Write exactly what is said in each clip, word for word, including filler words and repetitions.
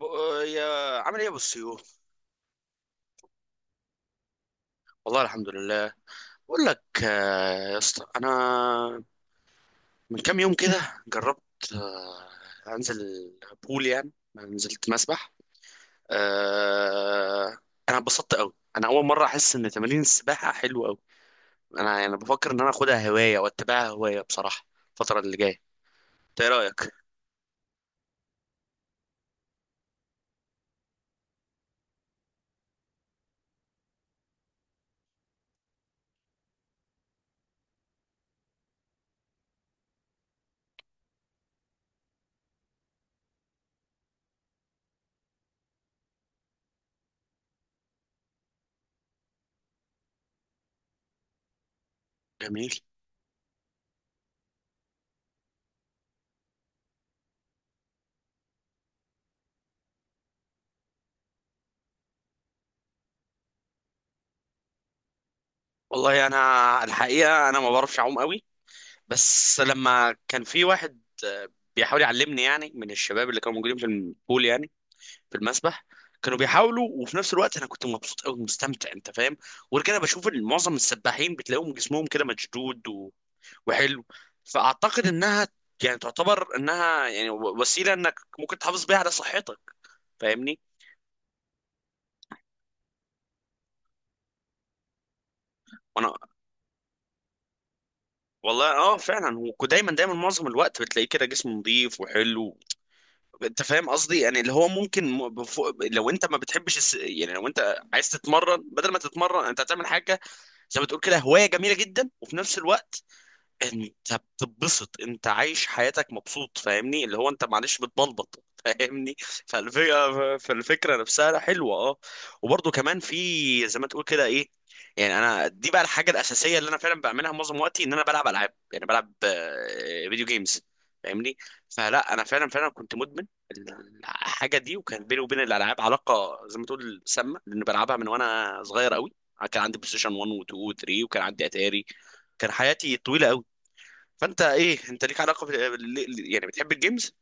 ب- يا عامل ايه يا ابو السيوف. والله الحمد لله. بقول لك آه، يا اسطى انا من كام يوم كده جربت، آه، انزل بول، يعني نزلت مسبح. آه، انا اتبسطت قوي، انا اول مره احس ان تمارين السباحه حلوه قوي. انا يعني بفكر ان انا اخدها هوايه واتبعها هوايه بصراحه الفتره اللي جايه. إنت ايه رايك؟ جميل. والله انا الحقيقه انا ما بعرفش اعوم قوي، بس لما كان في واحد آه، بيحاول يعلمني، يعني من الشباب اللي كانوا موجودين في البول، يعني في المسبح، كانوا بيحاولوا، وفي نفس الوقت انا كنت مبسوط قوي، مستمتع، انت فاهم. وغير كده بشوف إن معظم السباحين بتلاقيهم جسمهم كده مشدود و... وحلو، فاعتقد انها يعني تعتبر انها يعني و- وسيله انك ممكن تحافظ بيها على صحتك، فاهمني. وانا والله اه فعلا، ودايما دايما معظم الوقت بتلاقيه كده جسم نظيف وحلو. انت فاهم قصدي، يعني اللي هو ممكن م- بفوق لو انت ما بتحبش الس... يعني لو انت عايز تتمرن، بدل ما تتمرن انت هتعمل حاجه زي ما تقول كده هوايه جميله جدا، وفي نفس الوقت انت بتتبسط، انت عايش حياتك مبسوط، فاهمني، اللي هو انت معلش بتبلبط، فاهمني. فالفكرة فالفكرة نفسها حلوة اه. وبرضه كمان في زي ما تقول كده ايه، يعني انا دي بقى الحاجة الأساسية اللي انا فعلا بعملها معظم وقتي، ان انا بلعب العاب، يعني بلعب آه، فيديو جيمز، فاهمني. فلا انا فعلا فعلا كنت مدمن الحاجة دي، وكان بيني وبين الالعاب علاقة زي ما تقول سامة، لان بلعبها من وانا صغير قوي. كان عندي بلاي ستيشن واحد و2 و3، وكان عندي اتاري، كان حياتي طويلة. فانت ايه، انت ليك علاقه بال- ليه- يعني بتحب الجيمز؟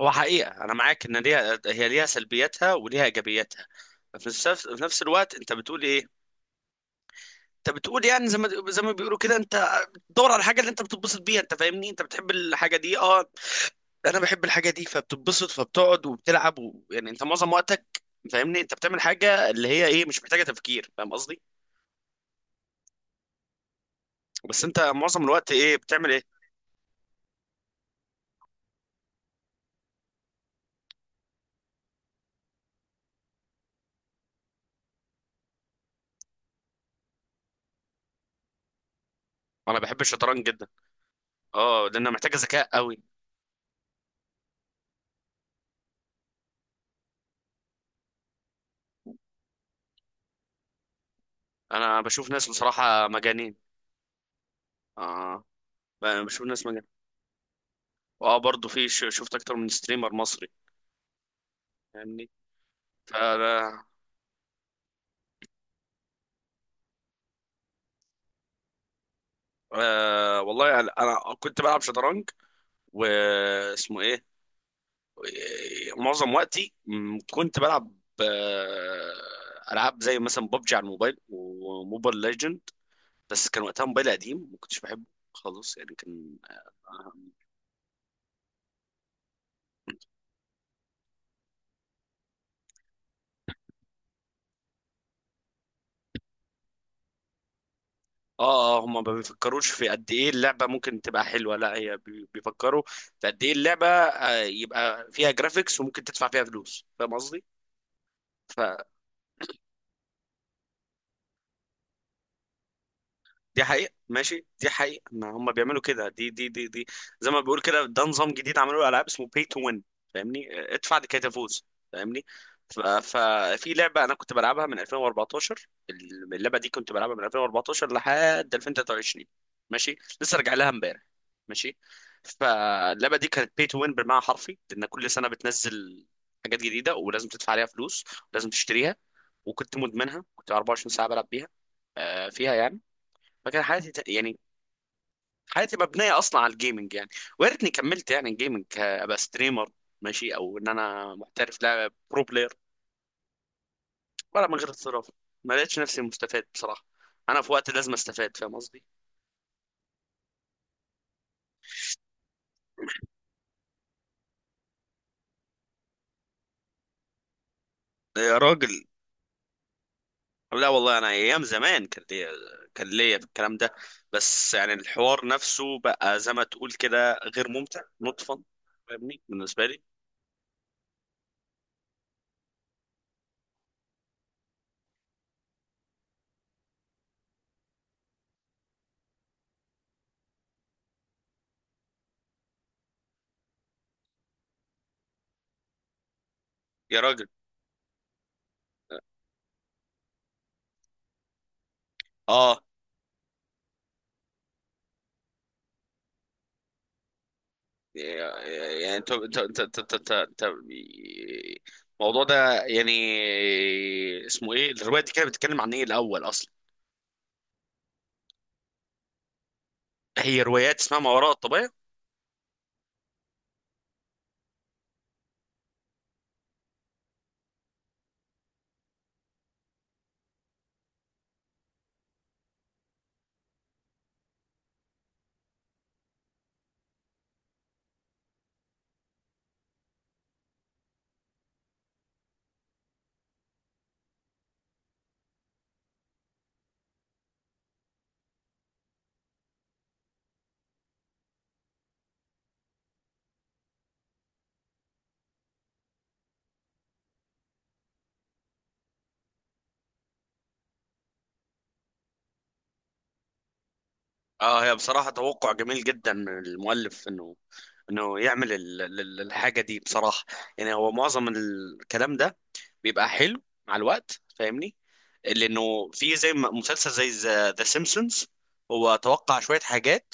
هو حقيقه انا معاك ان ليها، هي ليها سلبياتها وليها ايجابياتها. في نفس في نفس الوقت انت بتقول ايه، انت بتقول يعني زي ما زي ما بيقولوا كده، انت بتدور على الحاجه اللي انت بتتبسط بيها، انت فاهمني، انت بتحب الحاجه دي اه. انا بحب الحاجه دي، فبتتبسط، فبتقعد وبتلعب و... يعني انت معظم وقتك فاهمني انت بتعمل حاجه اللي هي ايه مش محتاجه تفكير، فاهم قصدي. بس انت معظم الوقت ايه بتعمل ايه؟ انا بحب الشطرنج جدا، اه، لانه محتاجه ذكاء قوي. انا بشوف ناس بصراحه مجانين. اه، ب- بشوف ناس مجانين. واه برضه في ش- شفت اكتر من ستريمر مصري، فاهمني. فانا آه والله يعني انا كنت بلعب شطرنج، واسمه ايه، معظم وقتي م، كنت بلعب آه، العاب زي مثلا ببجي على الموبايل وموبايل ليجند، بس كان وقتها موبايل قديم ما كنتش بحبه خالص يعني كان. آه، اه اه هما ما بيفكروش في قد ايه اللعبه ممكن تبقى حلوه، لا هي بي- بيفكروا في قد ايه اللعبه آه، يبقى فيها جرافيكس وممكن تدفع فيها فلوس، فاهم قصدي؟ دي حقيقة، ماشي، دي حقيقة، ما هم بيعملوا كده. دي دي دي دي زي ما بيقول كده ده نظام جديد عملوه العاب اسمه pay to win، فاهمني، ادفع لكي تفوز، فاهمني. ف- ففي لعبة انا كنت بلعبها من ألفين وأربعتاشر. اللعبة دي كنت بلعبها من ألفين وأربعتاشر لحد ألفين وتلاتة وعشرين، ماشي، لسه راجع لها امبارح، ماشي. فاللعبة دي كانت pay to win بالمعنى الحرفي، لان كل سنة بتنزل حاجات جديدة ولازم تدفع عليها فلوس، ولازم تشتريها. وكنت مدمنها، كنت أربعة وعشرين ساعة بلعب بيها، آه، فيها يعني. فكان حياتي ت- يعني حياتي مبنيه اصلا على الجيمنج يعني، ويا ريتني كملت يعني جيمنج، ك- ابقى ستريمر، ماشي، او ان انا محترف لاعب برو بلاير. ولا من غير احتراف، ما لقيتش نفسي مستفاد بصراحه، انا في وقت لازم استفاد، فاهم قصدي. يا راجل. لا والله انا ايام زمان كان ليا، كان ليا في الكلام ده، بس يعني الحوار نفسه بقى زي ما تقول كده غير ممتع نطفا، فاهمني، بالنسبه لي. يا راجل، اه. يعني انت انت انت انت انت- انت- انت- الموضوع ده يعني اسمه ايه؟ الروايه دي كانت بتتكلم عن ايه الاول اصلا؟ هي روايات اسمها ما وراء الطبيعه. اه، هي بصراحه توقع جميل جدا من المؤلف، انه انه يعمل ال- ال- الحاجه دي بصراحه. يعني هو معظم الكلام ده بيبقى حلو مع الوقت، فاهمني، لانه في زي ما- مسلسل زي ذا سيمبسونز، هو توقع شويه حاجات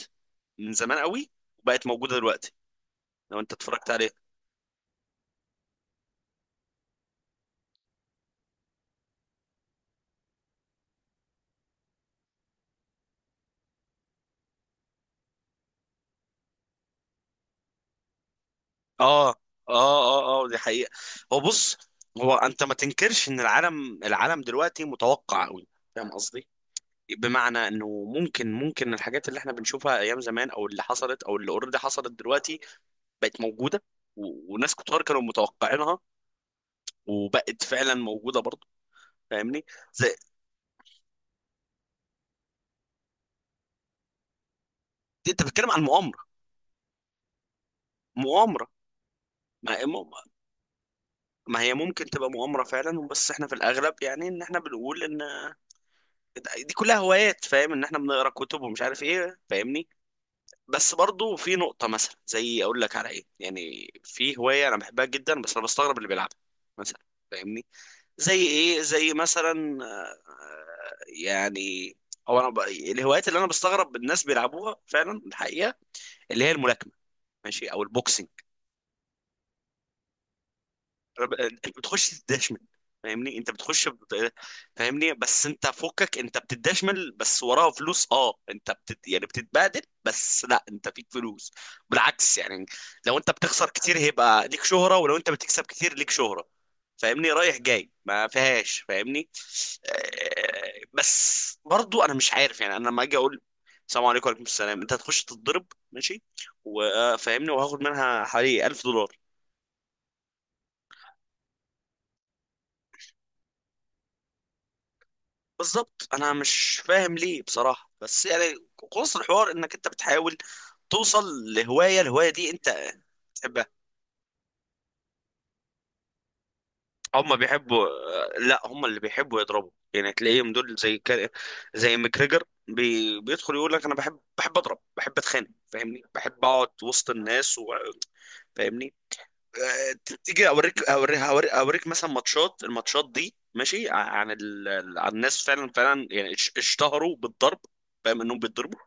من زمان قوي وبقت موجوده دلوقتي، لو انت اتفرجت عليها. اه اه اه اه دي حقيقة. هو بص، هو انت ما تنكرش ان العالم العالم دلوقتي متوقع قوي، فاهم قصدي. بمعنى انه ممكن ممكن الحاجات اللي احنا بنشوفها ايام زمان، او اللي حصلت، او اللي اوريدي حصلت دلوقتي بقت موجودة، و- وناس كتار كانوا متوقعينها وبقت فعلا موجودة برضه، فاهمني. زي. دي انت بتتكلم عن مؤامرة. مؤامرة. ما ما هي ممكن تبقى مؤامرة فعلا، بس احنا في الاغلب يعني ان احنا بنقول ان دي كلها هوايات، فاهم ان احنا بنقرا كتب ومش عارف ايه، فاهمني. بس برضو في نقطة، مثلا زي أقول لك على إيه، يعني في هواية أنا بحبها جدا بس أنا بستغرب اللي بيلعبها مثلا، فاهمني، زي إيه، زي مثلا، آه، يعني هو أنا ب... الهوايات اللي أنا بستغرب الناس بيلعبوها فعلا الحقيقة، اللي هي الملاكمة، ماشي، أو البوكسنج. انت بتخش تدشمل، فاهمني، انت بتخش بت- فاهمني. بس انت فكك، انت بتدشمل بس وراها فلوس، اه انت بتت... يعني بتتبهدل بس، لا انت فيك فلوس، بالعكس يعني. لو انت بتخسر كتير هيبقى ليك شهرة، ولو انت بتكسب كتير ليك شهرة، فاهمني، رايح جاي ما فيهاش، فاهمني. آه، بس برضو انا مش عارف، يعني انا لما اجي اقول السلام عليكم وعليكم السلام، انت هتخش تتضرب، ماشي، وفاهمني، وهاخد منها حوالي ألف دولار. بالظبط، انا مش فاهم ليه بصراحه، بس يعني خلاص الحوار انك انت بتحاول توصل لهوايه، الهوايه دي انت تحبها. هم بيحبوا، لا هم اللي بيحبوا يضربوا، يعني تلاقيهم دول زي كا- زي ماكريجر بي... بيدخل يقول لك انا بحب بحب اضرب، بحب اتخانق، فاهمني، بحب اقعد وسط الناس و... فاهمني. آه، تيجي اوريك اوريك هوريك اوريك مثلا ماتشات الماتشات دي ماشي عن ال... عن الناس فعلا فعلا يعني اش- اشتهروا بالضرب، فاهم انهم بيتضربوا.